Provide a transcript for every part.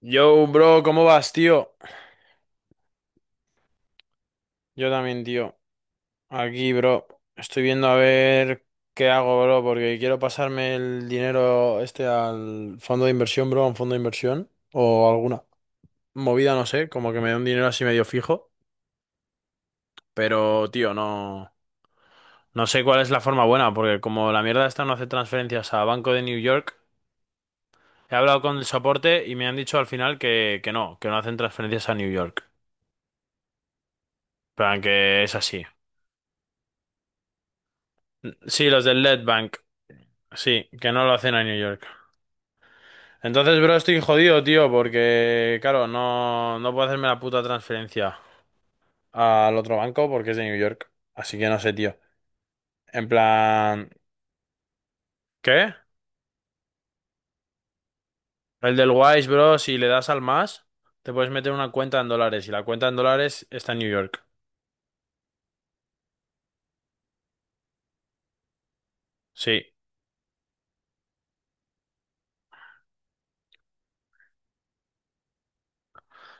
Yo, bro, ¿cómo vas, tío? Yo también, tío. Aquí, bro. Estoy viendo a ver qué hago, bro, porque quiero pasarme el dinero este al fondo de inversión, bro, a un fondo de inversión o alguna movida, no sé, como que me dé un dinero así medio fijo, pero, tío, no sé cuál es la forma buena, porque como la mierda esta no hace transferencias a Banco de New York, he hablado con el soporte y me han dicho al final que no, que no hacen transferencias a New York. Pero que es así. Sí, los del Bank. Sí, que no lo hacen a New York. Entonces, bro, estoy jodido, tío, porque, claro, no puedo hacerme la puta transferencia al otro banco porque es de New York. Así que no sé, tío. En plan, ¿qué? El del Wise, bro, si le das al más, te puedes meter una cuenta en dólares y la cuenta en dólares está en New York. Sí.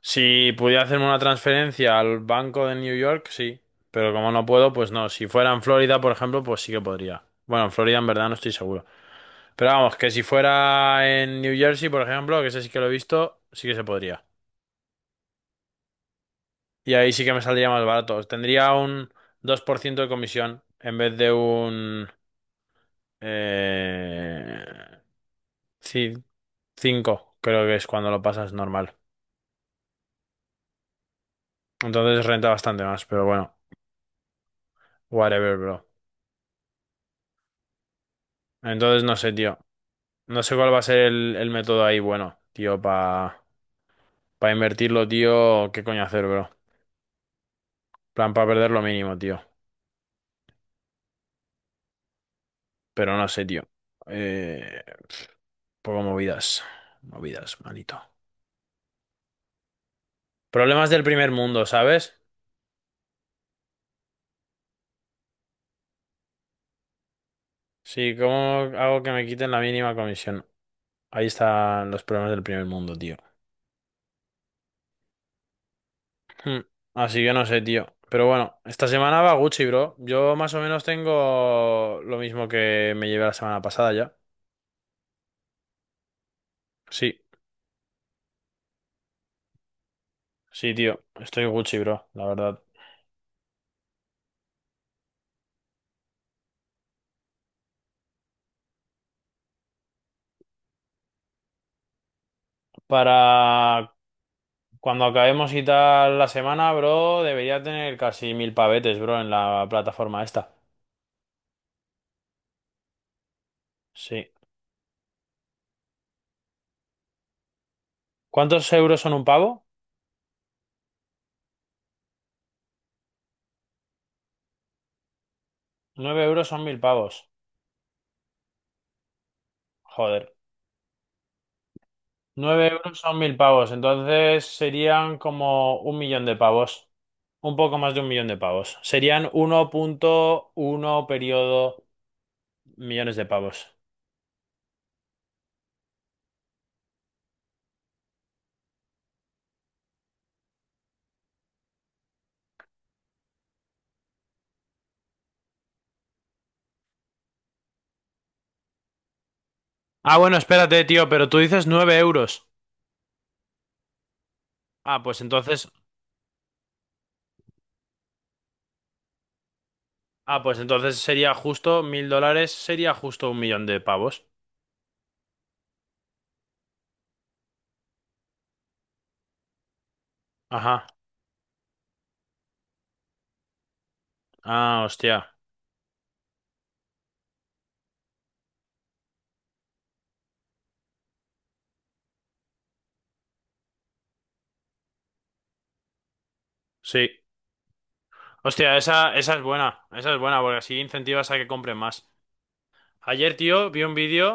Si pudiera hacerme una transferencia al banco de New York, sí. Pero como no puedo, pues no. Si fuera en Florida, por ejemplo, pues sí que podría. Bueno, en Florida en verdad no estoy seguro. Pero vamos, que si fuera en New Jersey, por ejemplo, que ese sí que lo he visto, sí que se podría. Y ahí sí que me saldría más barato. Tendría un 2 por ciento de comisión en vez de un... Eh, sí, 5, creo que es cuando lo pasas normal. Entonces renta bastante más, pero bueno, whatever, bro. Entonces no sé, tío. No sé cuál va a ser el método ahí, bueno, tío, para pa pa invertirlo, tío. ¿Qué coño hacer, bro? Plan para perder lo mínimo, tío. Pero no sé, tío. Eh, Poco movidas. Movidas, manito. Problemas del primer mundo, ¿sabes? Sí, ¿cómo hago que me quiten la mínima comisión? Ahí están los problemas del primer mundo, tío. Hmm, Así que no sé, tío. Pero bueno, esta semana va Gucci, bro. Yo más o menos tengo lo mismo que me llevé la semana pasada ya. Sí, sí, tío. Estoy Gucci, bro, la verdad. Para cuando acabemos y tal la semana, bro, debería tener casi mil pavetes, bro, en la plataforma esta. Sí. ¿Cuántos euros son un pavo? 9 euros son 1000 pavos. Joder. 9 euros son 1000 pavos. Entonces serían como un millón de pavos. Un poco más de un millón de pavos. Serían uno punto uno periodo millones de pavos. Ah, bueno, espérate, tío, pero tú dices 9 euros. Ah, pues entonces. Ah, pues entonces sería justo $1000. Sería justo un millón de pavos. Ajá. Ah, hostia. Sí. Hostia, esa es buena. Esa es buena, porque así incentivas a que compren más. Ayer, tío, vi un vídeo.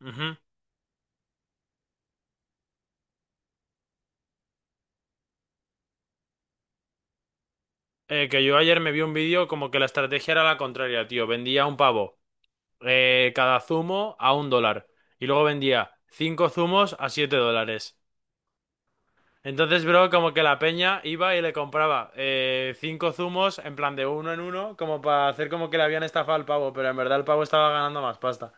Ujú. Que yo ayer me vi un vídeo como que la estrategia era la contraria, tío. Vendía un pavo cada zumo a un dólar. Y luego vendía 5 zumos a $7. Entonces, bro, como que la peña iba y le compraba 5 zumos en plan de uno en uno, como para hacer como que le habían estafado al pavo, pero en verdad el pavo estaba ganando más pasta.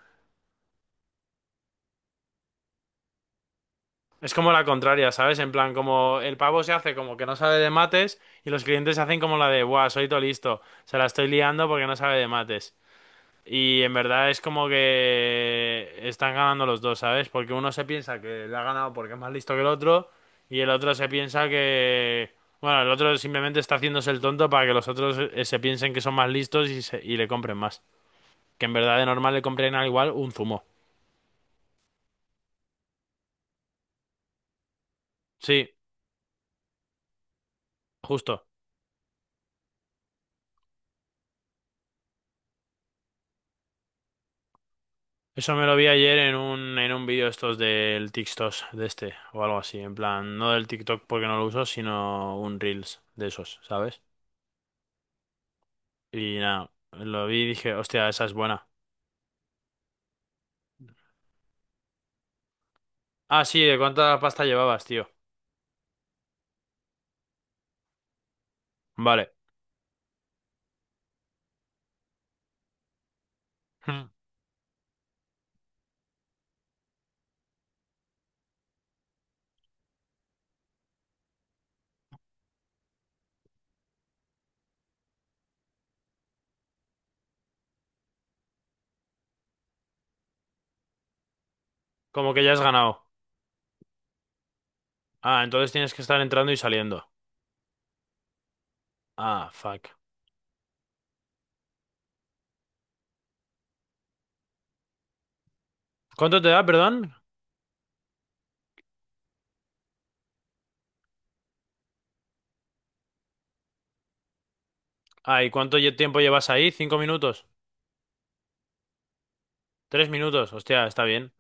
Es como la contraria, ¿sabes? En plan, como el pavo se hace como que no sabe de mates y los clientes se hacen como la de, buah, soy todo listo, se la estoy liando porque no sabe de mates. Y en verdad es como que están ganando los dos, ¿sabes? Porque uno se piensa que le ha ganado porque es más listo que el otro y el otro se piensa que... Bueno, el otro simplemente está haciéndose el tonto para que los otros se piensen que son más listos y, y le compren más. Que en verdad de normal le compren al igual un zumo. Sí, justo. Eso me lo vi ayer en un vídeo estos del TikTok de este o algo así. En plan, no del TikTok porque no lo uso, sino un Reels de esos, ¿sabes? Y nada, lo vi y dije, hostia, esa es buena. Ah, sí, ¿de cuánta pasta llevabas, tío? Vale. Hmm. Como que ya has ganado. Ah, entonces tienes que estar entrando y saliendo. Ah, fuck. ¿Cuánto te da, perdón? Ah, ¿y cuánto tiempo llevas ahí? ¿Cinco minutos? ¿Tres minutos? Hostia, está bien.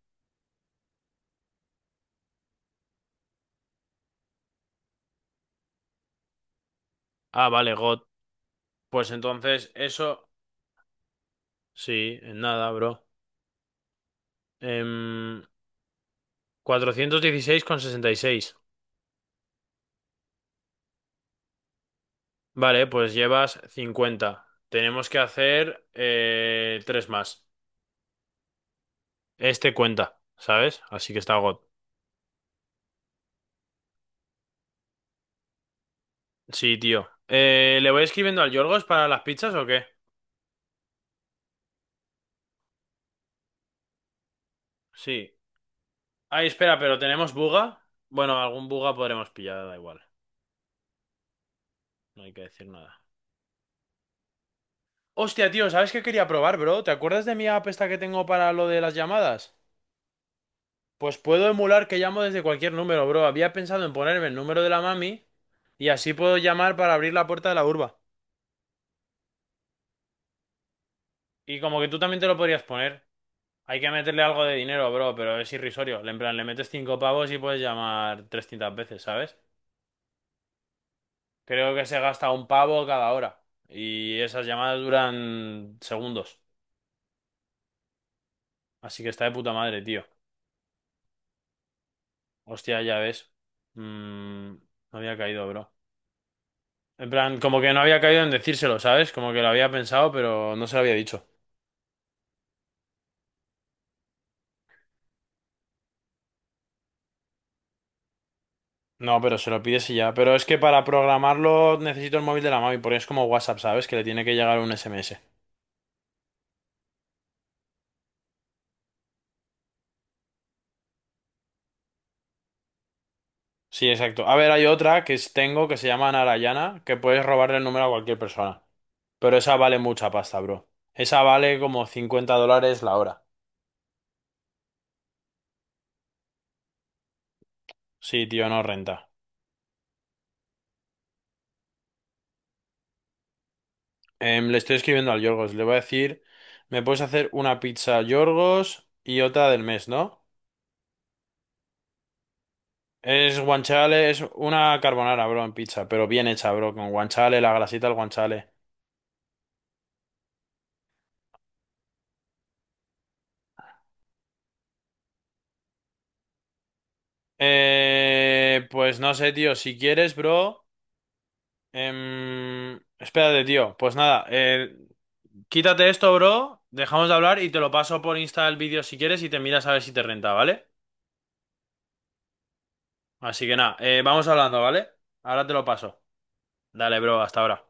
Ah, vale, God. Pues entonces, eso... Sí, en nada, bro. Em... 416,66. Vale, pues llevas 50. Tenemos que hacer tres más. Este cuenta, ¿sabes? Así que está God. Sí, tío. ¿Le voy escribiendo al Yorgos para las pizzas o qué? Sí. Ay, espera, pero ¿tenemos buga? Bueno, algún buga podremos pillar, da igual. No hay que decir nada. Hostia, tío, ¿sabes qué quería probar, bro? ¿Te acuerdas de mi app esta que tengo para lo de las llamadas? Pues puedo emular que llamo desde cualquier número, bro. Había pensado en ponerme el número de la mami y así puedo llamar para abrir la puerta de la urba. Y como que tú también te lo podrías poner. Hay que meterle algo de dinero, bro, pero es irrisorio. En plan, le metes 5 pavos y puedes llamar 300 veces, ¿sabes? Creo que se gasta un pavo cada hora. Y esas llamadas duran segundos. Así que está de puta madre, tío. Hostia, ya ves. Mm, no había caído, bro. En plan, como que no había caído en decírselo, ¿sabes? Como que lo había pensado, pero no se lo había dicho. No, pero se lo pides y ya. Pero es que para programarlo necesito el móvil de la mami, porque es como WhatsApp, ¿sabes? Que le tiene que llegar un SMS. Sí, exacto. A ver, hay otra tengo que se llama Narayana, que puedes robarle el número a cualquier persona. Pero esa vale mucha pasta, bro. Esa vale como $50 la hora. Sí, tío, no renta. Le estoy escribiendo al Yorgos. Le voy a decir, me puedes hacer una pizza Yorgos y otra del mes, ¿no? Es guanciale, es una carbonara, bro, en pizza, pero bien hecha, bro, con guanciale, la grasita del guanciale. Pues no sé, tío, si quieres, bro. Espérate, tío. Pues nada, quítate esto, bro. Dejamos de hablar y te lo paso por Insta el vídeo si quieres y te miras a ver si te renta, ¿vale? Así que nada, vamos hablando, ¿vale? Ahora te lo paso. Dale, bro, hasta ahora.